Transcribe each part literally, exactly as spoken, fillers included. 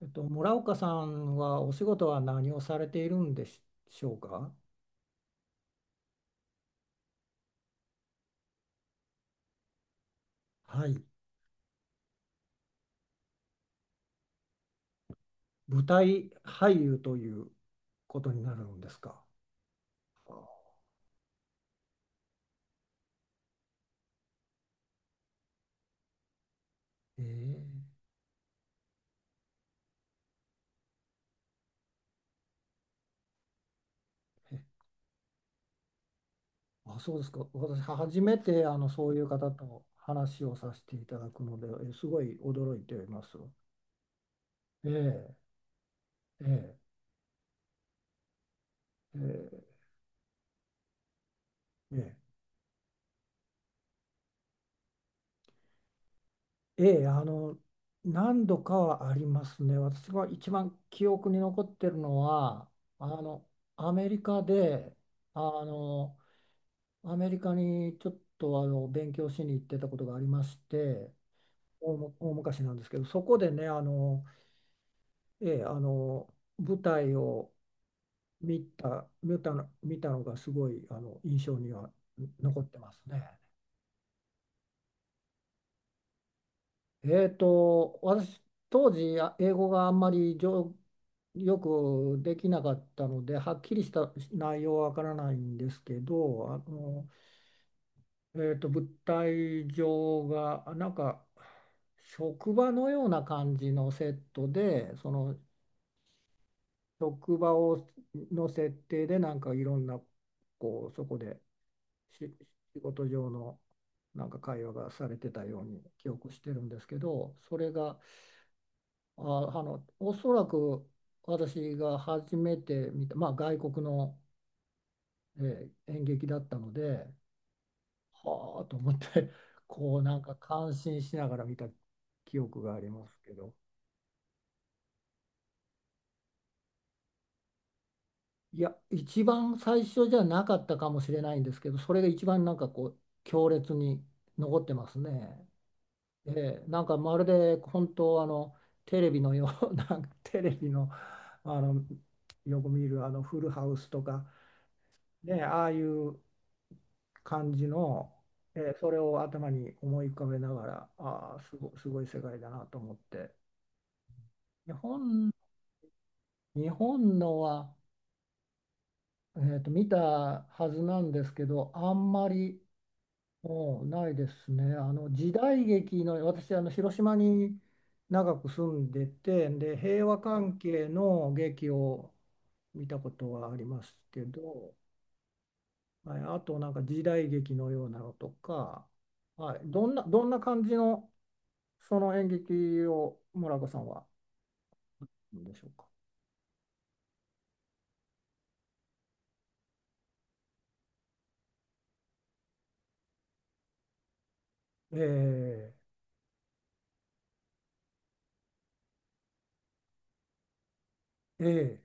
えっと、村岡さんはお仕事は何をされているんでしょうか？はい。舞台俳優ということになるんですか？え、ええ。あ、そうですか。私、初めてあのそういう方と話をさせていただくので、えすごい驚いています。ええ、ええ、ええ、ええ、ええ、あの、何度かはありますね。私が一番記憶に残ってるのは、あの、アメリカで、あの、アメリカにちょっとあの勉強しに行ってたことがありまして、大む、大昔なんですけど、そこでね、あの、ええ、あの舞台を見た、見たの、見たのがすごい、あの印象には残ってますね。えーと私、当時あ英語があんまり上よくできなかったので、はっきりした内容はわからないんですけど、あのえっと、物体上があなんか職場のような感じのセットで、その職場をの設定で、なんかいろんな、こうそこで、し仕事上のなんか会話がされてたように記憶してるんですけど、それが、あ、あのおそらく私が初めて見た、まあ、外国の、えー演劇だったので。はあと思って、こうなんか感心しながら見た記憶がありますけど、いや、一番最初じゃなかったかもしれないんですけど、それが一番なんかこう強烈に残ってますね。ええ、なんかまるで本当、あのテレビのよう な、んかテレビの、あのよく見るあのフルハウスとか、ね、ああいう感じの、ええ、それを頭に思い浮かべながら、ああ、すご、すごい世界だなと思って。日本、日本のは、えーと、見たはずなんですけど、あんまりもうないですね。あの時代劇の、私、あの広島に長く住んでて、で、平和関係の劇を見たことはありますけど、はい、あとなんか時代劇のようなのとか、はい、どんな、どんな感じのその演劇を村岡さんはどうでしょうか？ええ、え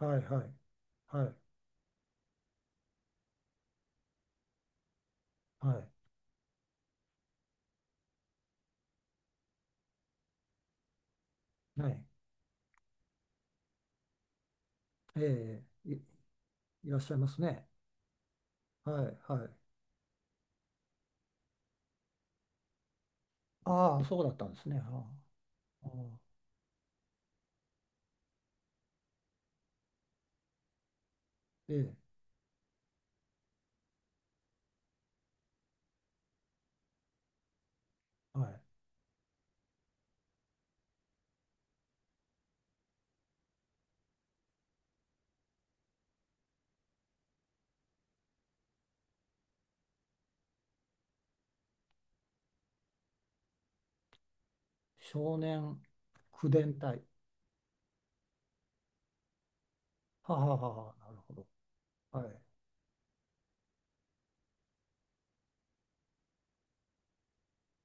え、はいはい。はいはい。ね。え。ええ、い、いらっしゃいますね。はい、はい。ああ、そうだったんですね。ああ、ああ、ええ、はい。少年口伝隊。はははは、なるほど。はい。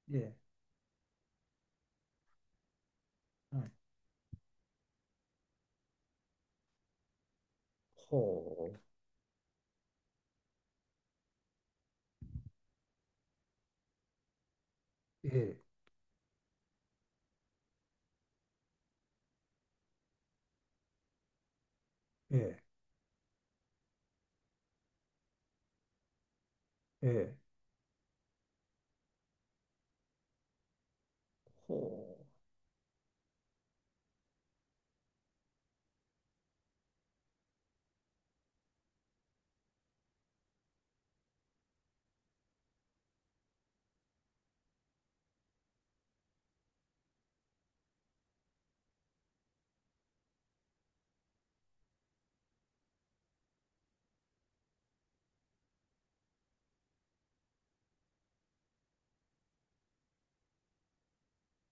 ええ、はい。ほう。ええ、ええ、ええ、ほ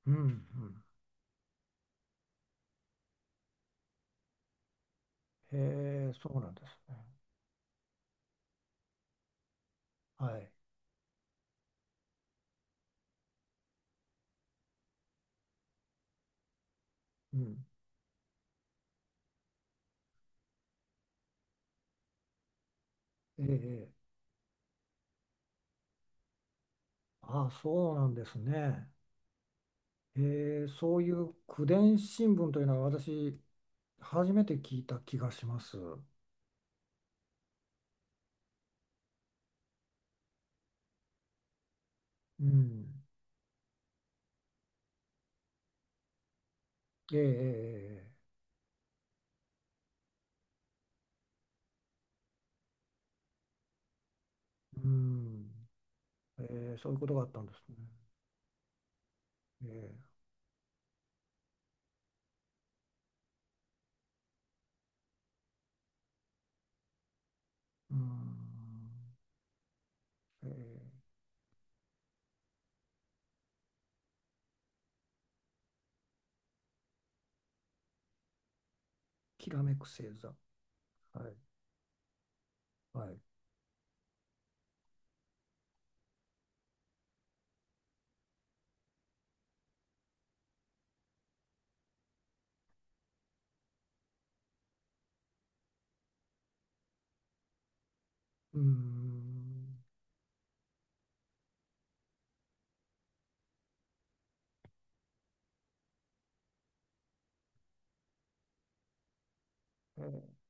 う。うん、うん。へえ、そうなんですね。はい。うん。ええ、ええ、ああ、そうなんですね。えーそういう口伝新聞というのは、私初めて聞いた気がします。うん。ええ、ええ、ええ、うん。ええ、ええ、そういうことがあったんですね。ええ、うん。ええ、きらめく星座。はい。はい。うん。ええ、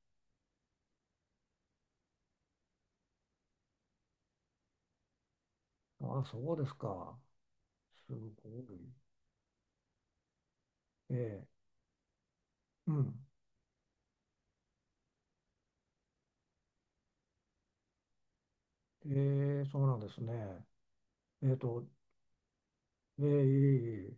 ああ、そうですか。すごい。ええ、うん。ええ、そうなんですね。えっと、ええ、いえいえ。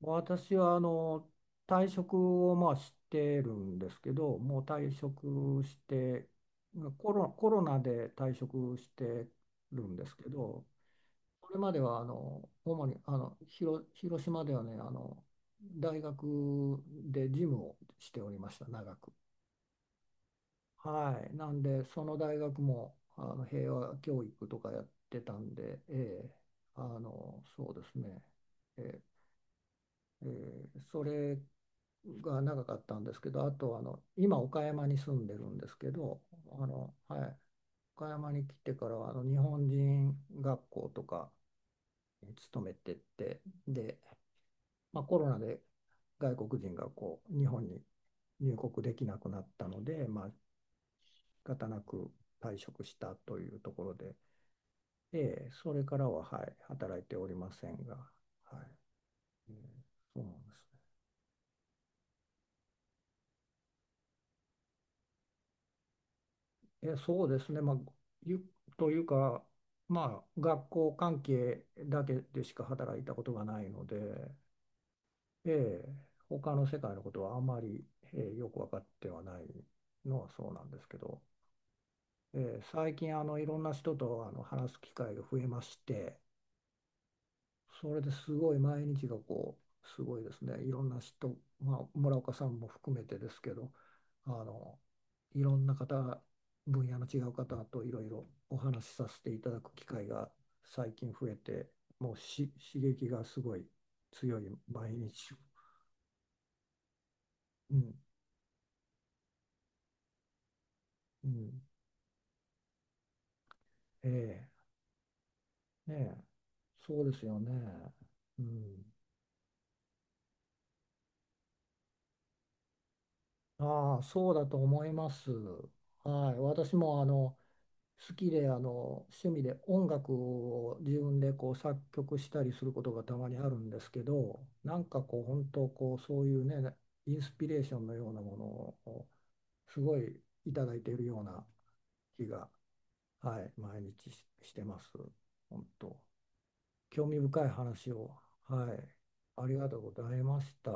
私はあの退職をまあしてるんですけど、もう退職して、コロ、コロナで退職してるんですけど、それまではあの主にあの広、広島ではね、あの大学で事務をしておりました、長く。はい、なんで、その大学もあの平和教育とかやってたんで、ええ、あのそうですね。ええ、えーそれが長かったんですけど、あとあの今岡山に住んでるんですけど、あの、はい、岡山に来てからはあの日本人学校とかに勤めてて、で、まあ、コロナで外国人がこう日本に入国できなくなったので、まあ、仕方なく退職したというところで、ええ、それからは、はい、働いておりませんが、はい、ええ、そうなんです。え、そうですね、まあ、ゆというか、まあ、学校関係だけでしか働いたことがないので、ええ、他の世界のことはあまり、ええ、よく分かってはないのはそうなんですけど、ええ、最近あのいろんな人とあの話す機会が増えまして、それですごい毎日がこう、すごいですね、いろんな人、まあ、村岡さんも含めてですけど、あのいろんな方、分野の違う方といろいろお話しさせていただく機会が最近増えて、もうし刺激がすごい強い毎日。うん、うん、ええ、ね、え、そうですよね。うん。ああ、そうだと思います。はい、私もあの好きで、あの趣味で音楽を自分でこう作曲したりすることがたまにあるんですけど、なんかこう本当こうそういうね、インスピレーションのようなものをすごいいただいているような気が、はい、毎日、し、してます。本当、興味深い話を。はい、ありがとうございました。